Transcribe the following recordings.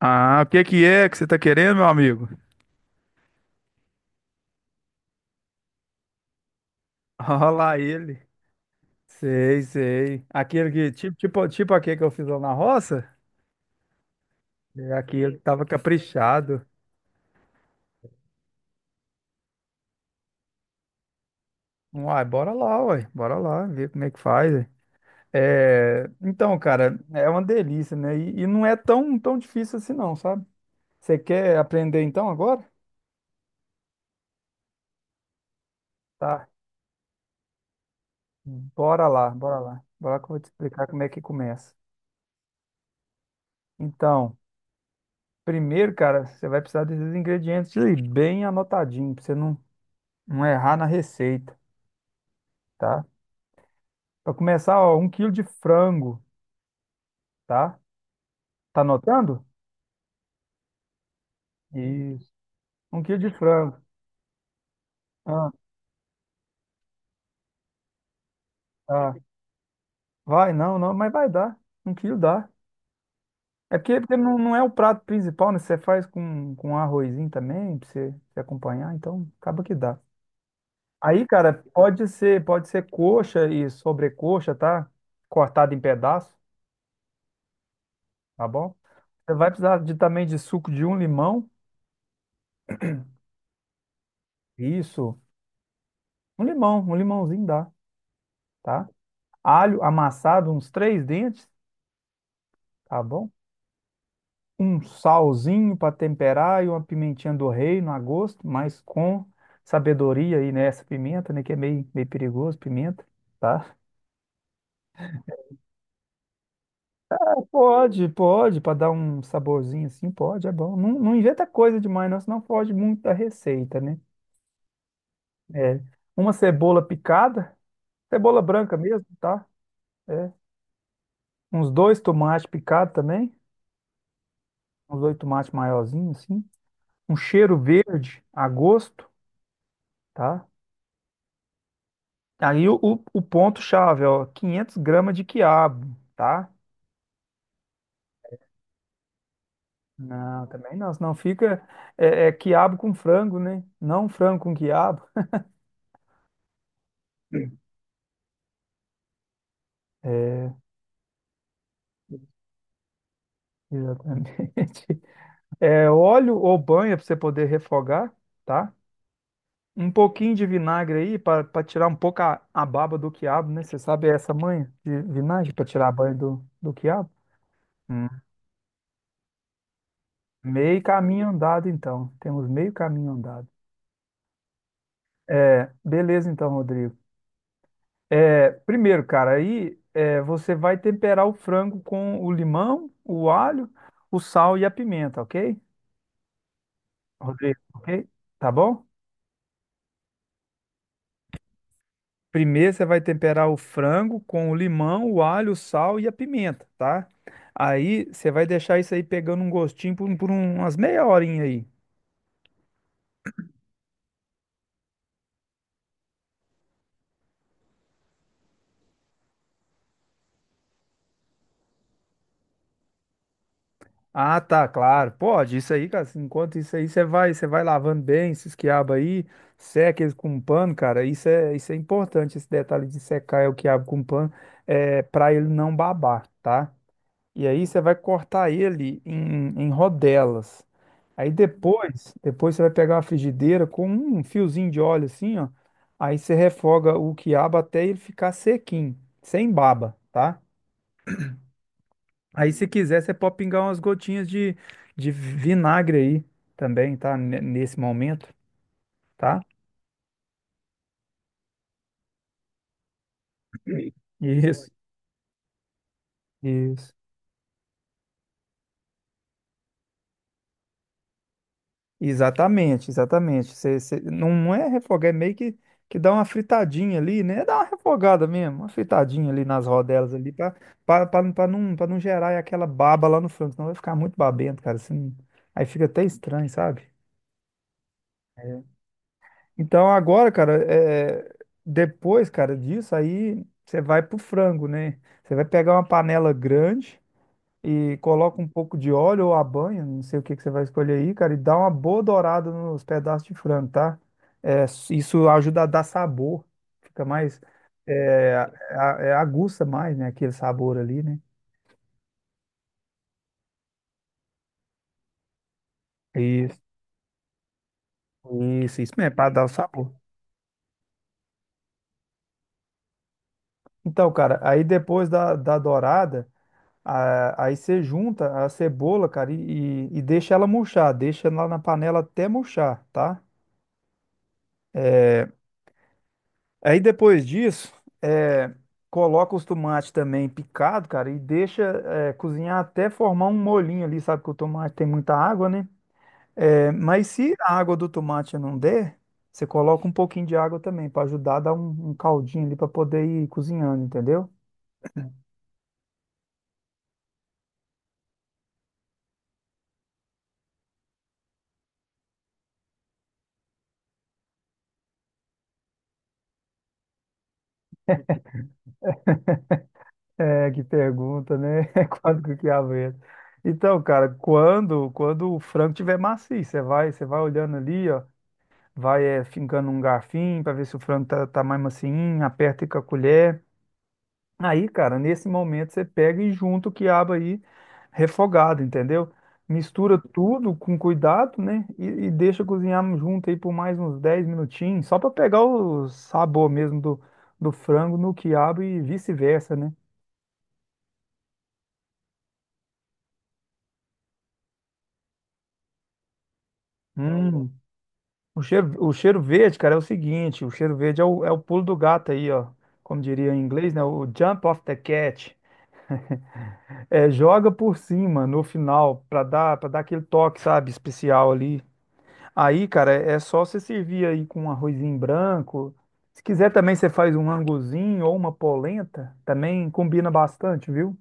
Ah, o que que é que você tá querendo, meu amigo? Olha lá ele. Sei, sei. Aquele que, tipo aquele que eu fiz lá na roça, é aquele que tava caprichado. Uai, bora lá, ver como é que faz. Ué. É, então, cara, é uma delícia, né? E não é tão, tão difícil assim, não, sabe? Você quer aprender então agora? Tá, bora lá, bora lá. Bora que eu vou te explicar como é que começa. Então, primeiro, cara, você vai precisar desses ingredientes aí, bem anotadinho, pra você não não errar na receita, tá? Para começar, ó, 1 quilo de frango, tá? Tá anotando? Isso. 1 quilo de frango. Ah, tá. Vai, não, não, mas vai dar. 1 quilo dá. É porque, porque não é o prato principal, né? Você faz com arrozinho também, pra você, você acompanhar, então acaba que dá. Aí, cara, pode ser coxa e sobrecoxa, tá? Cortado em pedaço, tá bom? Você vai precisar de, também de suco de um limão. Isso. Um limão, um limãozinho dá, tá? Alho amassado, uns três dentes, tá bom? Um salzinho para temperar e uma pimentinha do reino a gosto, mas com sabedoria aí nessa pimenta, né? Que é meio, meio perigoso, pimenta, tá? É, pode, pode, para dar um saborzinho assim, pode, é bom. Não, não inventa coisa demais, não, senão foge muito da receita, né? É, uma cebola picada, cebola branca mesmo, tá? É, uns dois tomates picados também, uns dois tomates maiorzinhos assim. Um cheiro verde a gosto, tá? Aí o ponto-chave, ó, 500 gramas de quiabo, tá? Não, também não, senão fica é, é quiabo com frango, né? Não frango com quiabo. É, exatamente. É, óleo ou banha para você poder refogar, tá? Um pouquinho de vinagre aí para tirar um pouco a baba do quiabo, né? Você sabe essa manha de vinagre para tirar a banha do, do quiabo? Hum. Meio caminho andado, então. Temos meio caminho andado. É, beleza, então, Rodrigo. É, primeiro, cara, aí é, você vai temperar o frango com o limão, o alho, o sal e a pimenta, ok? Rodrigo, ok? Tá bom? Primeiro você vai temperar o frango com o limão, o alho, o sal e a pimenta, tá? Aí você vai deixar isso aí pegando um gostinho por umas meia horinha aí. Ah, tá, claro. Pode, isso aí, cara. Enquanto isso aí, você vai lavando bem esses quiabos aí, seca eles com um pano, cara. Isso é importante, esse detalhe de secar o quiabo com pano, é para ele não babar, tá? E aí você vai cortar ele em, em rodelas. Aí depois você vai pegar uma frigideira com um fiozinho de óleo assim, ó. Aí você refoga o quiabo até ele ficar sequinho, sem baba, tá? Aí, se quiser, você pode pingar umas gotinhas de vinagre aí também, tá? Nesse momento, tá? Sim. Isso, isso. Exatamente, exatamente. Você, você- não é refogar, é meio que dá uma fritadinha ali, né? Dá uma refogada mesmo, uma fritadinha ali nas rodelas ali, pra não gerar aquela baba lá no frango, senão vai ficar muito babento, cara. Assim, aí fica até estranho, sabe? Então agora, cara, é, depois, cara, disso aí você vai pro frango, né? Você vai pegar uma panela grande e coloca um pouco de óleo ou a banha, não sei o que que você vai escolher aí, cara, e dá uma boa dourada nos pedaços de frango, tá? É, isso ajuda a dar sabor, fica mais, é, aguça mais, né, aquele sabor ali, né? Isso, isso mesmo, para dar o sabor. Então, cara, aí depois da, da dourada aí você junta a cebola, cara, e deixa ela murchar, deixa lá na panela até murchar, tá? É, Aí depois disso, é, coloca os tomates também picado, cara, e deixa cozinhar até formar um molhinho ali, sabe que o tomate tem muita água, né? É, mas se a água do tomate não der, você coloca um pouquinho de água também, para ajudar a dar um, um caldinho ali para poder ir cozinhando, entendeu? É, que pergunta, né? É quando que o quiabo entra. Então, cara, quando o frango tiver macio, você vai olhando ali, ó, vai fincando um garfinho para ver se o frango tá, tá mais macinho, aperta com a colher. Aí, cara, nesse momento você pega e junta o quiabo aí refogado, entendeu? Mistura tudo com cuidado, né? E deixa cozinhar junto aí por mais uns 10 minutinhos, só para pegar o sabor mesmo do, do frango no quiabo e vice-versa, né? Hum, o cheiro verde, cara, é o seguinte, o cheiro verde é o, é o pulo do gato aí, ó. Como diria em inglês, né? O jump off the cat. É, joga por cima no final pra dar, para dar aquele toque, sabe, especial ali. Aí, cara, é só você servir aí com um arrozinho branco. Se quiser também você faz um anguzinho ou uma polenta, também combina bastante, viu?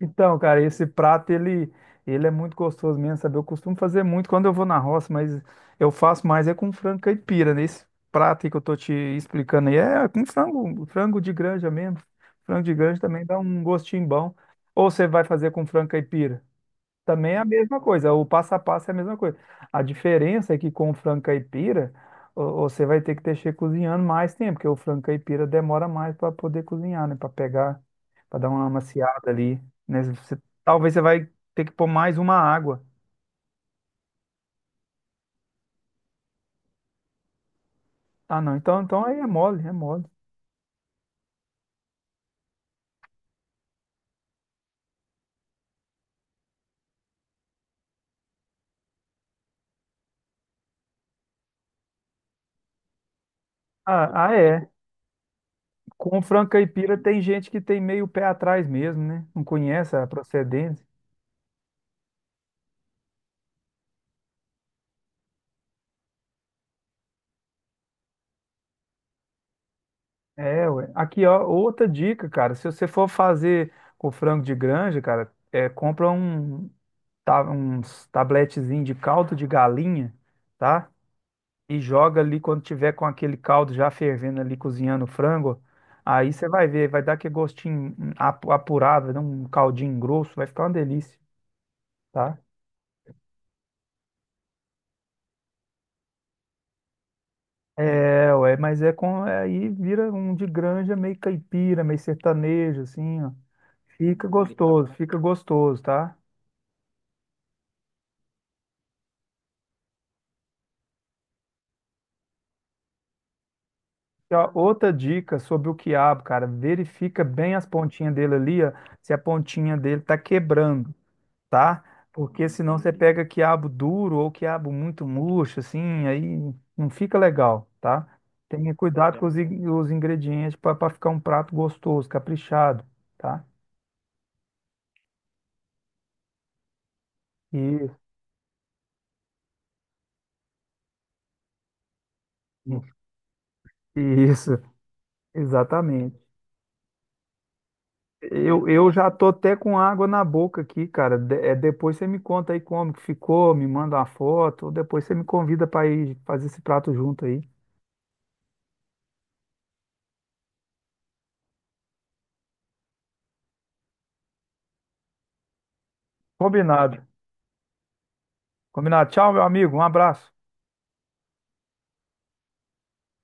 Então, cara, esse prato ele é muito gostoso mesmo, sabe? Eu costumo fazer muito quando eu vou na roça, mas eu faço mais é com frango caipira, né? Esse prato aí que eu tô te explicando aí é com frango, frango de granja mesmo. Frango de granja também dá um gostinho bom. Ou você vai fazer com frango caipira? Também é a mesma coisa, o passo a passo é a mesma coisa. A diferença é que com o frango caipira, você vai ter que deixar cozinhando mais tempo, porque o frango caipira demora mais para poder cozinhar, né? Para pegar, para dar uma amaciada ali, né? Você- talvez você vai ter que pôr mais uma água. Ah, não, então, então aí é mole, é mole. Ah, ah, é. Com o frango caipira tem gente que tem meio pé atrás mesmo, né? Não conhece a procedência. É, ué. Aqui, ó, outra dica, cara. Se você for fazer com frango de granja, cara, é, compra um, uns tabletezinho de caldo de galinha, tá? E joga ali quando tiver com aquele caldo já fervendo ali, cozinhando o frango. Aí você vai ver, vai dar aquele gostinho apurado, vai dar um caldinho grosso, vai ficar uma delícia, tá? É, ué, mas é com. Aí vira um de granja meio caipira, meio sertanejo, assim, ó. Fica gostoso, tá? E, ó, outra dica sobre o quiabo, cara, verifica bem as pontinhas dele ali, ó, se a pontinha dele tá quebrando, tá? Porque senão você pega quiabo duro ou quiabo muito murcho, assim, aí não fica legal, tá? Tenha cuidado com os, os ingredientes para ficar um prato gostoso, caprichado, tá? Isso, isso, exatamente. Eu já tô até com água na boca aqui, cara. Depois você me conta aí como que ficou, me manda uma foto, ou depois você me convida para ir fazer esse prato junto aí. Combinado. Combinado. Tchau, meu amigo. Um abraço.